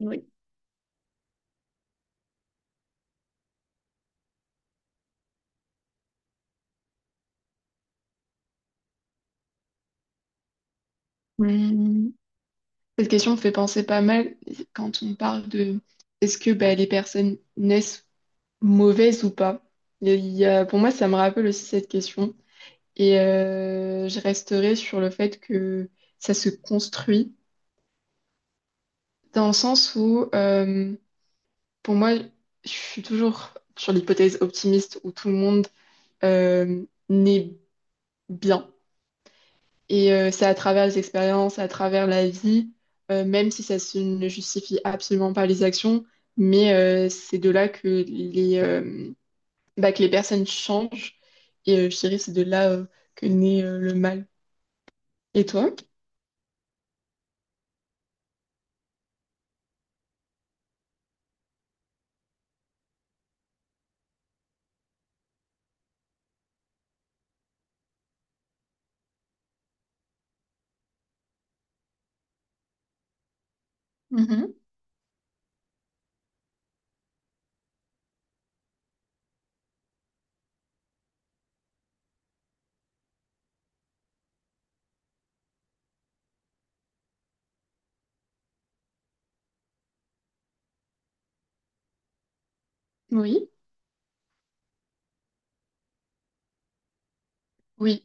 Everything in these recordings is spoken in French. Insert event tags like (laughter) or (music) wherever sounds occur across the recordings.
Oui. Hmm. Cette question me fait penser pas mal quand on parle de est-ce que les personnes naissent mauvaises ou pas? Il pour moi, ça me rappelle aussi cette question. Et je resterai sur le fait que ça se construit dans le sens où pour moi, je suis toujours sur l'hypothèse optimiste où tout le monde naît bien. Et c'est à travers les expériences, à travers la vie, même si ne justifie absolument pas les actions, mais c'est de là que que les personnes changent. Et je dirais c'est de là que naît le mal. Et toi? Mhm. Oui. Oui,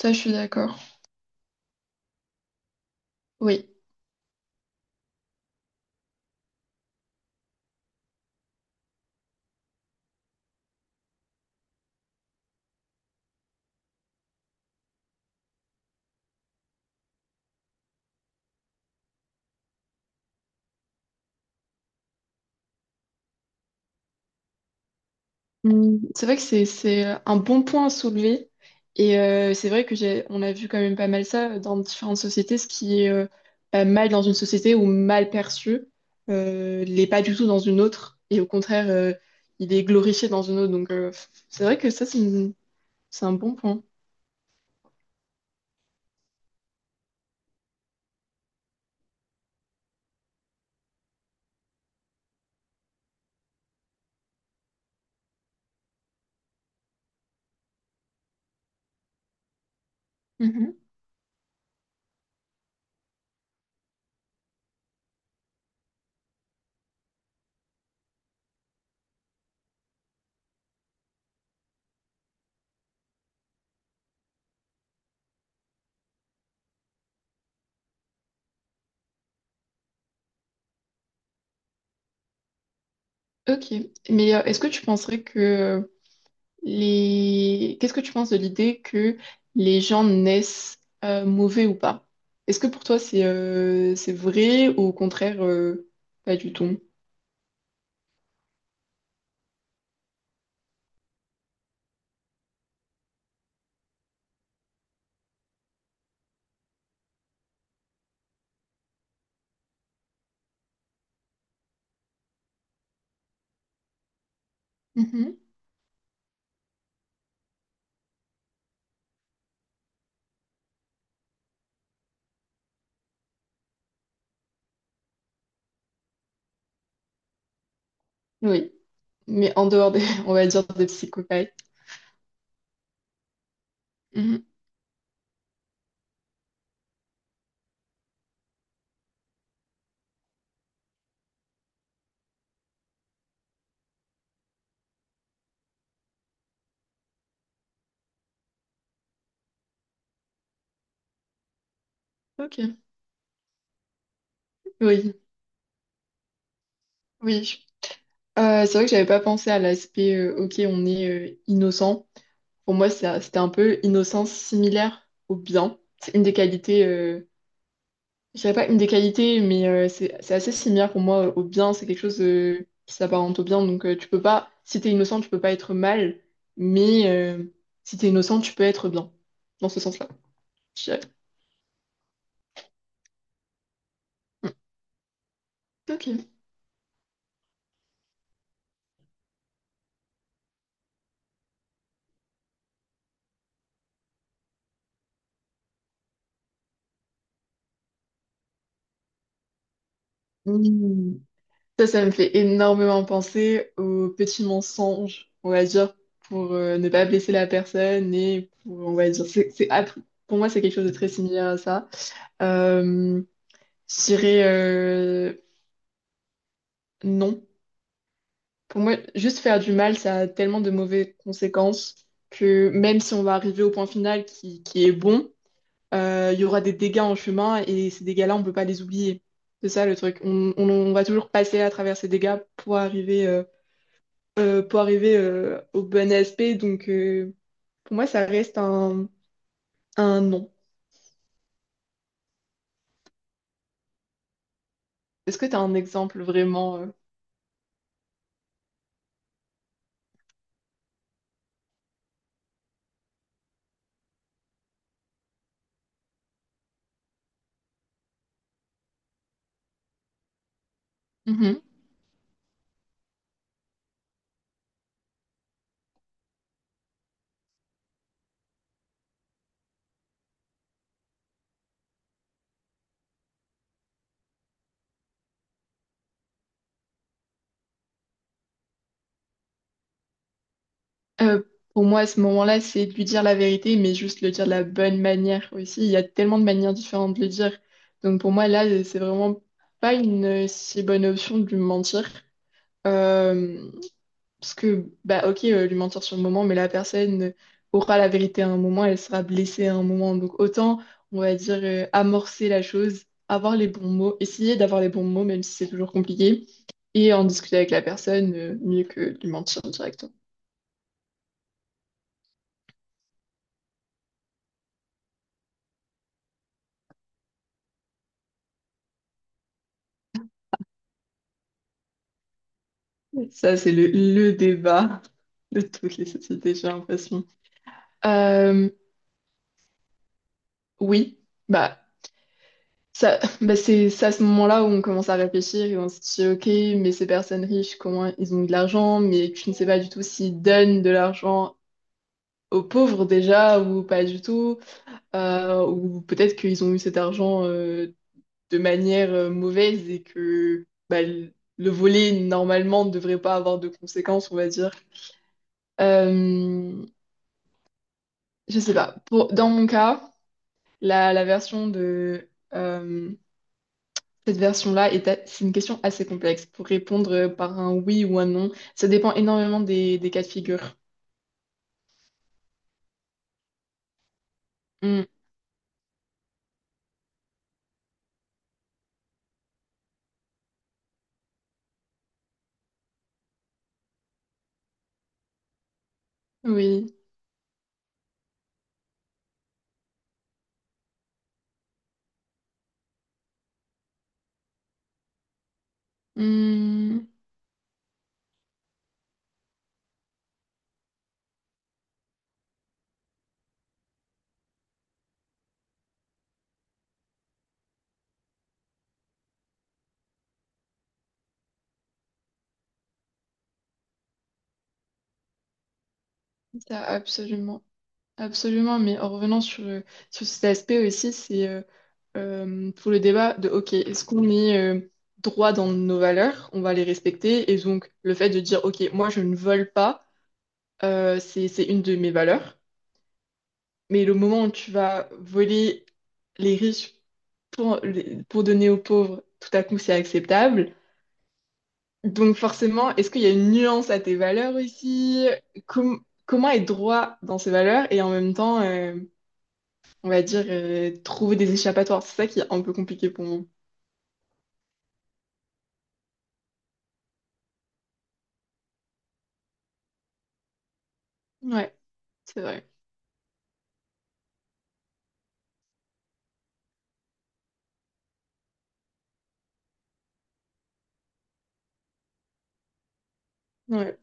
ça je suis d'accord. Oui. Mm, c'est vrai que c'est un bon point à soulever et c'est vrai que j'ai on a vu quand même pas mal ça dans différentes sociétés ce qui est mal dans une société ou mal perçu l'est pas du tout dans une autre et au contraire il est glorifié dans une autre donc c'est vrai que c'est un bon point. Mhm. Ok, mais est-ce que tu penserais que qu'est-ce que tu penses de l'idée que les gens naissent mauvais ou pas? Est-ce que pour toi c'est vrai ou au contraire pas du tout? Mhm. Oui, mais en dehors des, (laughs) on va dire des psychopathes. Mhm. Ok, oui, oui. C'est vrai que j'avais pas pensé à l'aspect ok, on est innocent. Pour moi, c'était un peu innocence similaire au bien. C'est une des qualités je dirais pas une des qualités, mais c'est assez similaire pour moi au bien. C'est quelque chose qui s'apparente au bien. Donc, tu peux pas, si t'es innocent, tu peux pas être mal, mais si t'es innocent, tu peux être bien. Dans ce sens-là, je dirais. Mm. Ok. Mm. Ça me fait énormément penser aux petits mensonges, on va dire, pour ne pas blesser la personne et pour, on va dire, pour moi, c'est quelque chose de très similaire à ça. Euh, je dirais non. Pour moi, juste faire du mal, ça a tellement de mauvaises conséquences que même si on va arriver au point final qui est bon, il y aura des dégâts en chemin et ces dégâts-là, on ne peut pas les oublier. C'est ça le truc. On va toujours passer à travers ces dégâts pour arriver au bon aspect. Donc, pour moi, ça reste un non. Est-ce que tu as un exemple vraiment euh, Euh, pour moi, à ce moment-là, c'est de lui dire la vérité, mais juste le dire de la bonne manière aussi. Il y a tellement de manières différentes de le dire. Donc pour moi, là, c'est vraiment pas une si bonne option de lui mentir. Euh, Parce que, bah ok, lui mentir sur le moment, mais la personne aura la vérité à un moment, elle sera blessée à un moment. Donc autant, on va dire, amorcer la chose, avoir les bons mots, essayer d'avoir les bons mots, même si c'est toujours compliqué, et en discuter avec la personne, mieux que de lui mentir directement. Ça, c'est le débat de toutes les sociétés, j'ai l'impression. Euh, oui, bah, ça, bah c'est à ce moment-là où on commence à réfléchir et on se dit, ok, mais ces personnes riches, comment ils ont de l'argent? Mais tu ne sais pas du tout s'ils donnent de l'argent aux pauvres déjà ou pas du tout. Ou peut-être qu'ils ont eu cet argent de manière mauvaise et que bah, le voler, normalement, ne devrait pas avoir de conséquences, on va dire. Euh, Je sais pas. Pour, dans mon cas, la version de cette c'est une question assez complexe pour répondre par un oui ou un non. Ça dépend énormément des cas de figure. Hmm, oui. Hmm, ça, absolument. Absolument. Mais en revenant sur, sur cet aspect aussi, c'est tout le débat de ok, est-ce qu'on est droit dans nos valeurs? On va les respecter. Et donc, le fait de dire ok, moi je ne vole pas, c'est une de mes valeurs. Mais le moment où tu vas voler les riches pour, pour donner aux pauvres, tout à coup, c'est acceptable. Donc forcément, est-ce qu'il y a une nuance à tes valeurs aussi? Comment être droit dans ses valeurs et en même temps, on va dire, trouver des échappatoires? C'est ça qui est un peu compliqué pour moi. Ouais, c'est vrai. Ouais,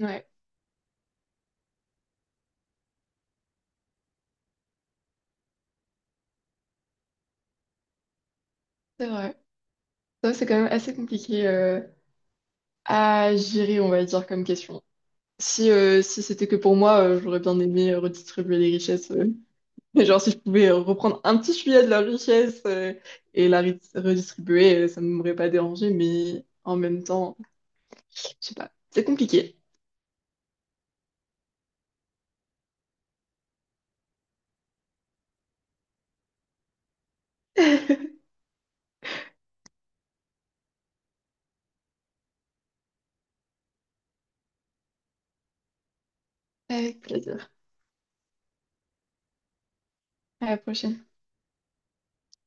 ouais, c'est vrai. Ça, c'est quand même assez compliqué à gérer, on va dire, comme question. Si, si c'était que pour moi, j'aurais bien aimé redistribuer les richesses. Mais genre, si je pouvais reprendre un petit filet de leur richesse et la redistribuer, ça ne m'aurait pas dérangé, mais en même temps, je sais pas, c'est compliqué. Avec plaisir. À la prochaine.